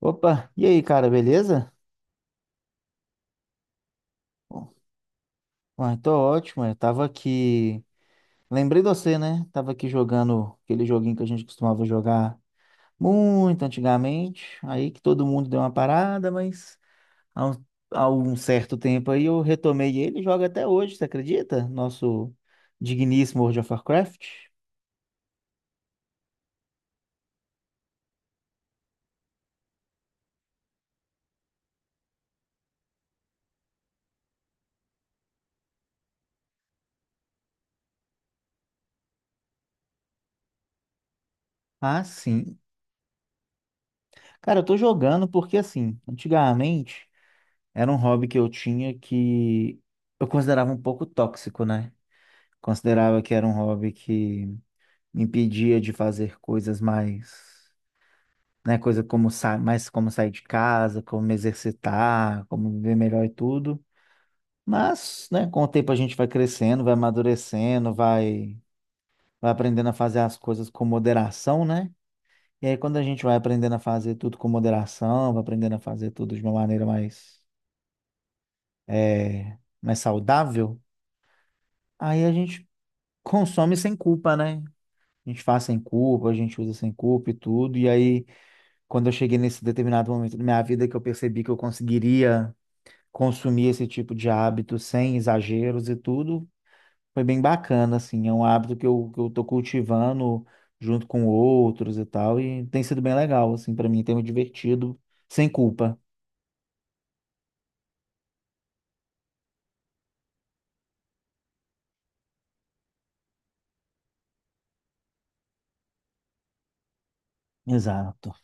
Opa, e aí, cara, beleza? Bom, ah, tô ótimo, eu tava aqui. Lembrei de você, né? Tava aqui jogando aquele joguinho que a gente costumava jogar muito antigamente. Aí que todo mundo deu uma parada, mas há um, há um certo tempo aí eu retomei ele e jogo até hoje, você acredita? Nosso digníssimo World of Warcraft. Ah, sim. Cara, eu tô jogando porque, assim, antigamente era um hobby que eu tinha que eu considerava um pouco tóxico, né? Considerava que era um hobby que me impedia de fazer coisas mais, né, coisa como sa mais como sair de casa, como me exercitar, como viver melhor e tudo. Mas, né, com o tempo a gente vai crescendo, vai amadurecendo, vai aprendendo a fazer as coisas com moderação, né? E aí quando a gente vai aprendendo a fazer tudo com moderação, vai aprendendo a fazer tudo de uma maneira mais, é, mais saudável, aí a gente consome sem culpa, né? A gente faz sem culpa, a gente usa sem culpa e tudo. E aí, quando eu cheguei nesse determinado momento da minha vida que eu percebi que eu conseguiria consumir esse tipo de hábito sem exageros e tudo, foi bem bacana, assim. É um hábito que eu tô cultivando junto com outros e tal. E tem sido bem legal, assim, para mim, tem me divertido sem culpa. Exato.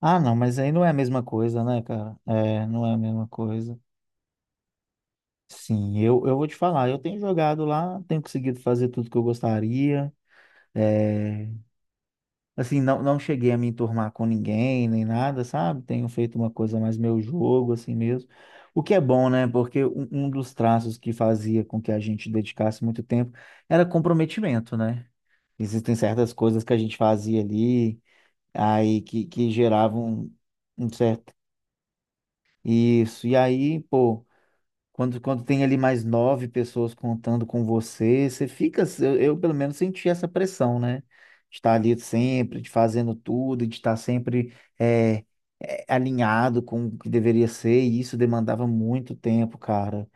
Ah, não, mas aí não é a mesma coisa, né, cara? É, não é a mesma coisa. Sim, eu vou te falar, eu tenho jogado lá, tenho conseguido fazer tudo que eu gostaria. É, assim, não, não cheguei a me enturmar com ninguém, nem nada, sabe? Tenho feito uma coisa mais meu jogo, assim mesmo. O que é bom, né? Porque um dos traços que fazia com que a gente dedicasse muito tempo era comprometimento, né? Existem certas coisas que a gente fazia ali, aí que geravam um certo. Isso. E aí, pô. Quando tem ali mais nove pessoas contando com você, você fica, eu, pelo menos senti essa pressão, né? De estar ali sempre, de fazendo tudo, de estar sempre é, é, alinhado com o que deveria ser, e isso demandava muito tempo, cara.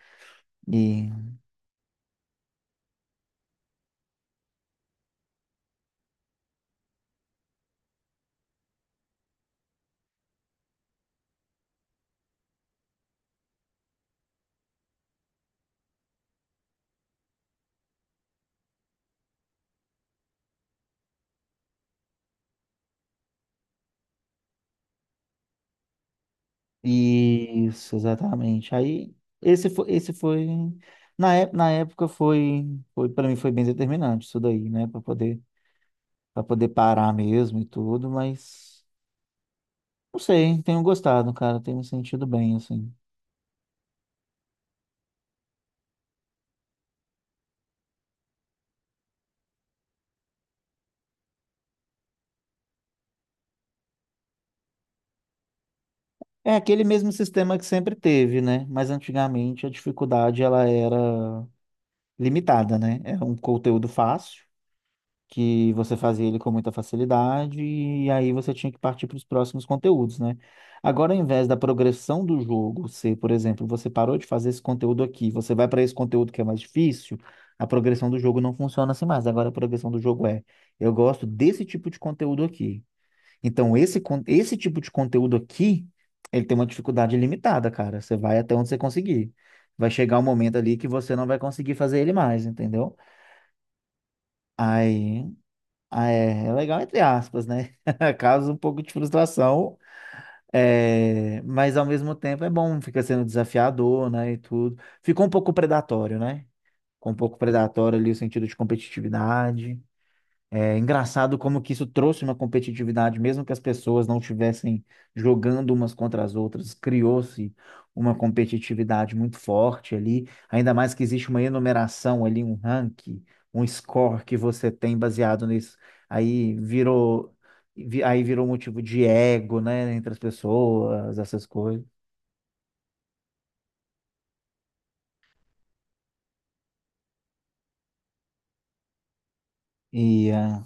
E isso, exatamente. Aí esse foi na época foi para mim foi bem determinante isso daí, né? Para poder parar mesmo e tudo, mas. Não sei, tenho gostado, cara, tenho me sentido bem, assim. É aquele mesmo sistema que sempre teve, né? Mas antigamente a dificuldade ela era limitada, né? Era um conteúdo fácil, que você fazia ele com muita facilidade, e aí você tinha que partir para os próximos conteúdos, né? Agora, ao invés da progressão do jogo ser, por exemplo, você parou de fazer esse conteúdo aqui, você vai para esse conteúdo que é mais difícil, a progressão do jogo não funciona assim mais. Agora a progressão do jogo é, eu gosto desse tipo de conteúdo aqui. Então, esse, esse tipo de conteúdo aqui, ele tem uma dificuldade limitada, cara. Você vai até onde você conseguir. Vai chegar um momento ali que você não vai conseguir fazer ele mais, entendeu? Aí, ah, é, é legal entre aspas, né? Causa um pouco de frustração, é, mas ao mesmo tempo é bom, fica sendo desafiador, né, e tudo. Ficou um pouco predatório, né? Ficou um pouco predatório ali o sentido de competitividade. É engraçado como que isso trouxe uma competitividade, mesmo que as pessoas não estivessem jogando umas contra as outras, criou-se uma competitividade muito forte ali, ainda mais que existe uma enumeração ali, um ranking, um score que você tem baseado nisso. Aí virou, aí virou motivo de ego, né, entre as pessoas, essas coisas. E, ah,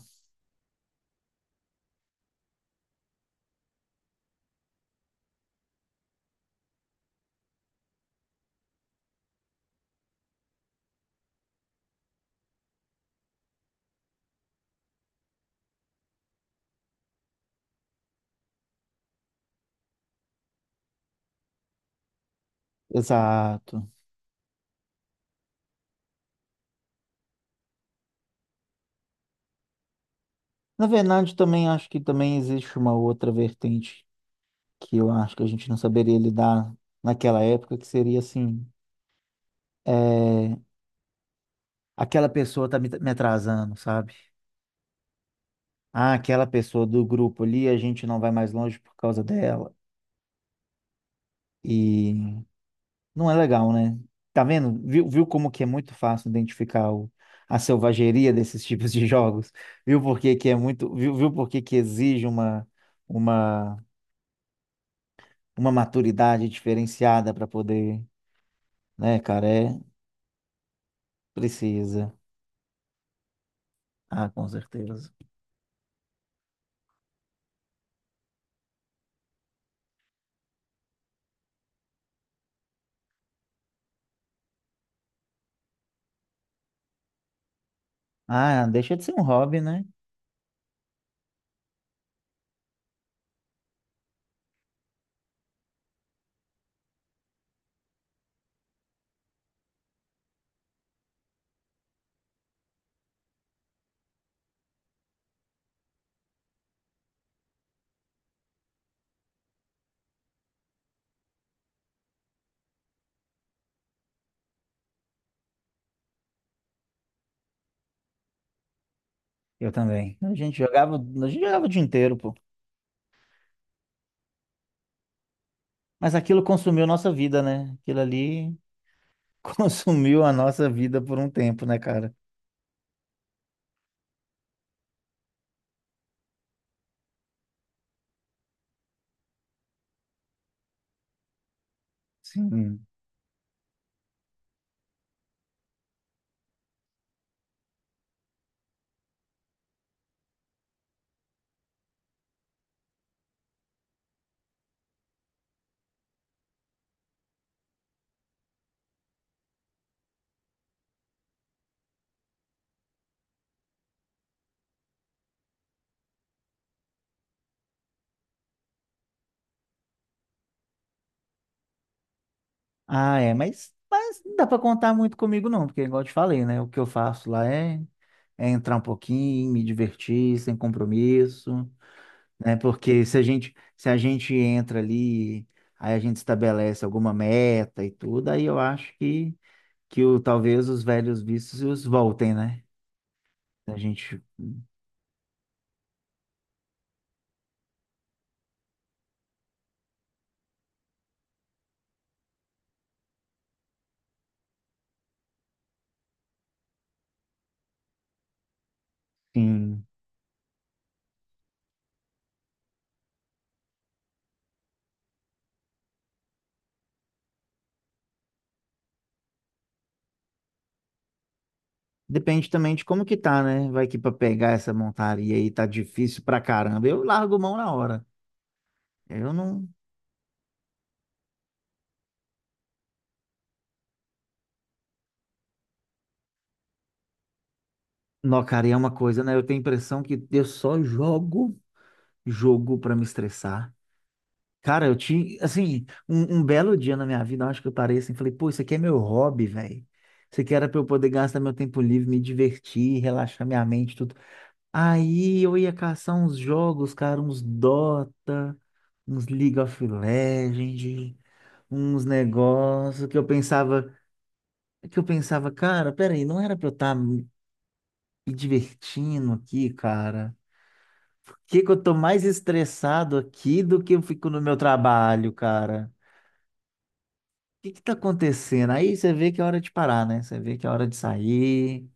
exato. Na verdade, também acho que também existe uma outra vertente que eu acho que a gente não saberia lidar naquela época, que seria assim, é, aquela pessoa tá me atrasando, sabe? Ah, aquela pessoa do grupo ali, a gente não vai mais longe por causa dela. E não é legal, né? Tá vendo? Viu como que é muito fácil identificar a selvageria desses tipos de jogos? Viu por que que é muito, viu por que que exige uma, uma, uma maturidade diferenciada para poder, né, cara? É, precisa. Ah, com certeza. Ah, deixa de ser um hobby, né? Eu também. A gente jogava o dia inteiro, pô. Mas aquilo consumiu nossa vida, né? Aquilo ali consumiu a nossa vida por um tempo, né, cara? Sim. Ah, é, mas não dá pra contar muito comigo, não, porque igual eu te falei, né? O que eu faço lá é, é entrar um pouquinho, me divertir, sem compromisso, né? Porque se a gente, se a gente entra ali, aí a gente estabelece alguma meta e tudo, aí eu acho que o, talvez os velhos vícios voltem, né? A gente, sim. Depende também de como que tá, né? Vai que pra pegar essa montaria aí tá difícil pra caramba. Eu largo mão na hora. Eu não. Não, cara, e é uma coisa, né? Eu tenho a impressão que eu só jogo pra me estressar. Cara, eu tinha, assim, um belo dia na minha vida, eu acho que eu parei assim, e falei, pô, isso aqui é meu hobby, velho. Isso aqui era pra eu poder gastar meu tempo livre, me divertir, relaxar minha mente, tudo. Aí eu ia caçar uns jogos, cara, uns Dota, uns League of Legends, uns negócios que eu pensava, cara, peraí, não era pra eu estar me divertindo aqui, cara? Por que que eu tô mais estressado aqui do que eu fico no meu trabalho, cara? O que que tá acontecendo? Aí você vê que é hora de parar, né? Você vê que é hora de sair,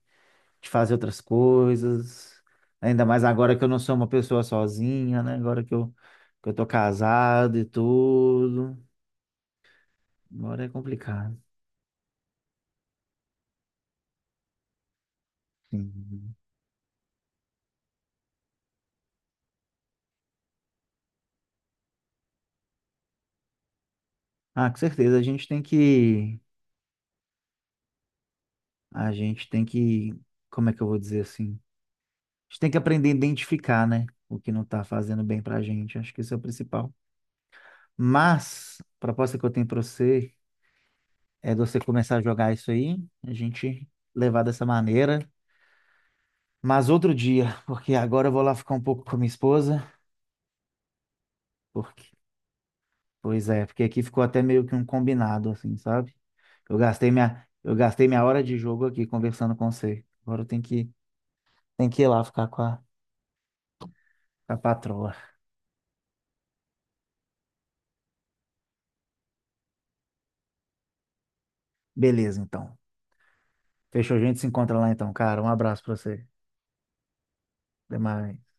de fazer outras coisas. Ainda mais agora que eu não sou uma pessoa sozinha, né? Agora que eu tô casado e tudo. Agora é complicado. Sim. Ah, com certeza. A gente tem que. A gente tem que. Como é que eu vou dizer assim? A gente tem que aprender a identificar, né? O que não tá fazendo bem pra gente. Acho que isso é o principal. Mas, a proposta que eu tenho pra você é de você começar a jogar isso aí, a gente levar dessa maneira. Mas outro dia, porque agora eu vou lá ficar um pouco com a minha esposa, porque, pois é, porque aqui ficou até meio que um combinado, assim, sabe? Eu gastei minha hora de jogo aqui conversando com você. Agora eu tenho que ir lá ficar com a patroa. Beleza, então. Fechou, a gente se encontra lá então, cara. Um abraço pra você. Até mais.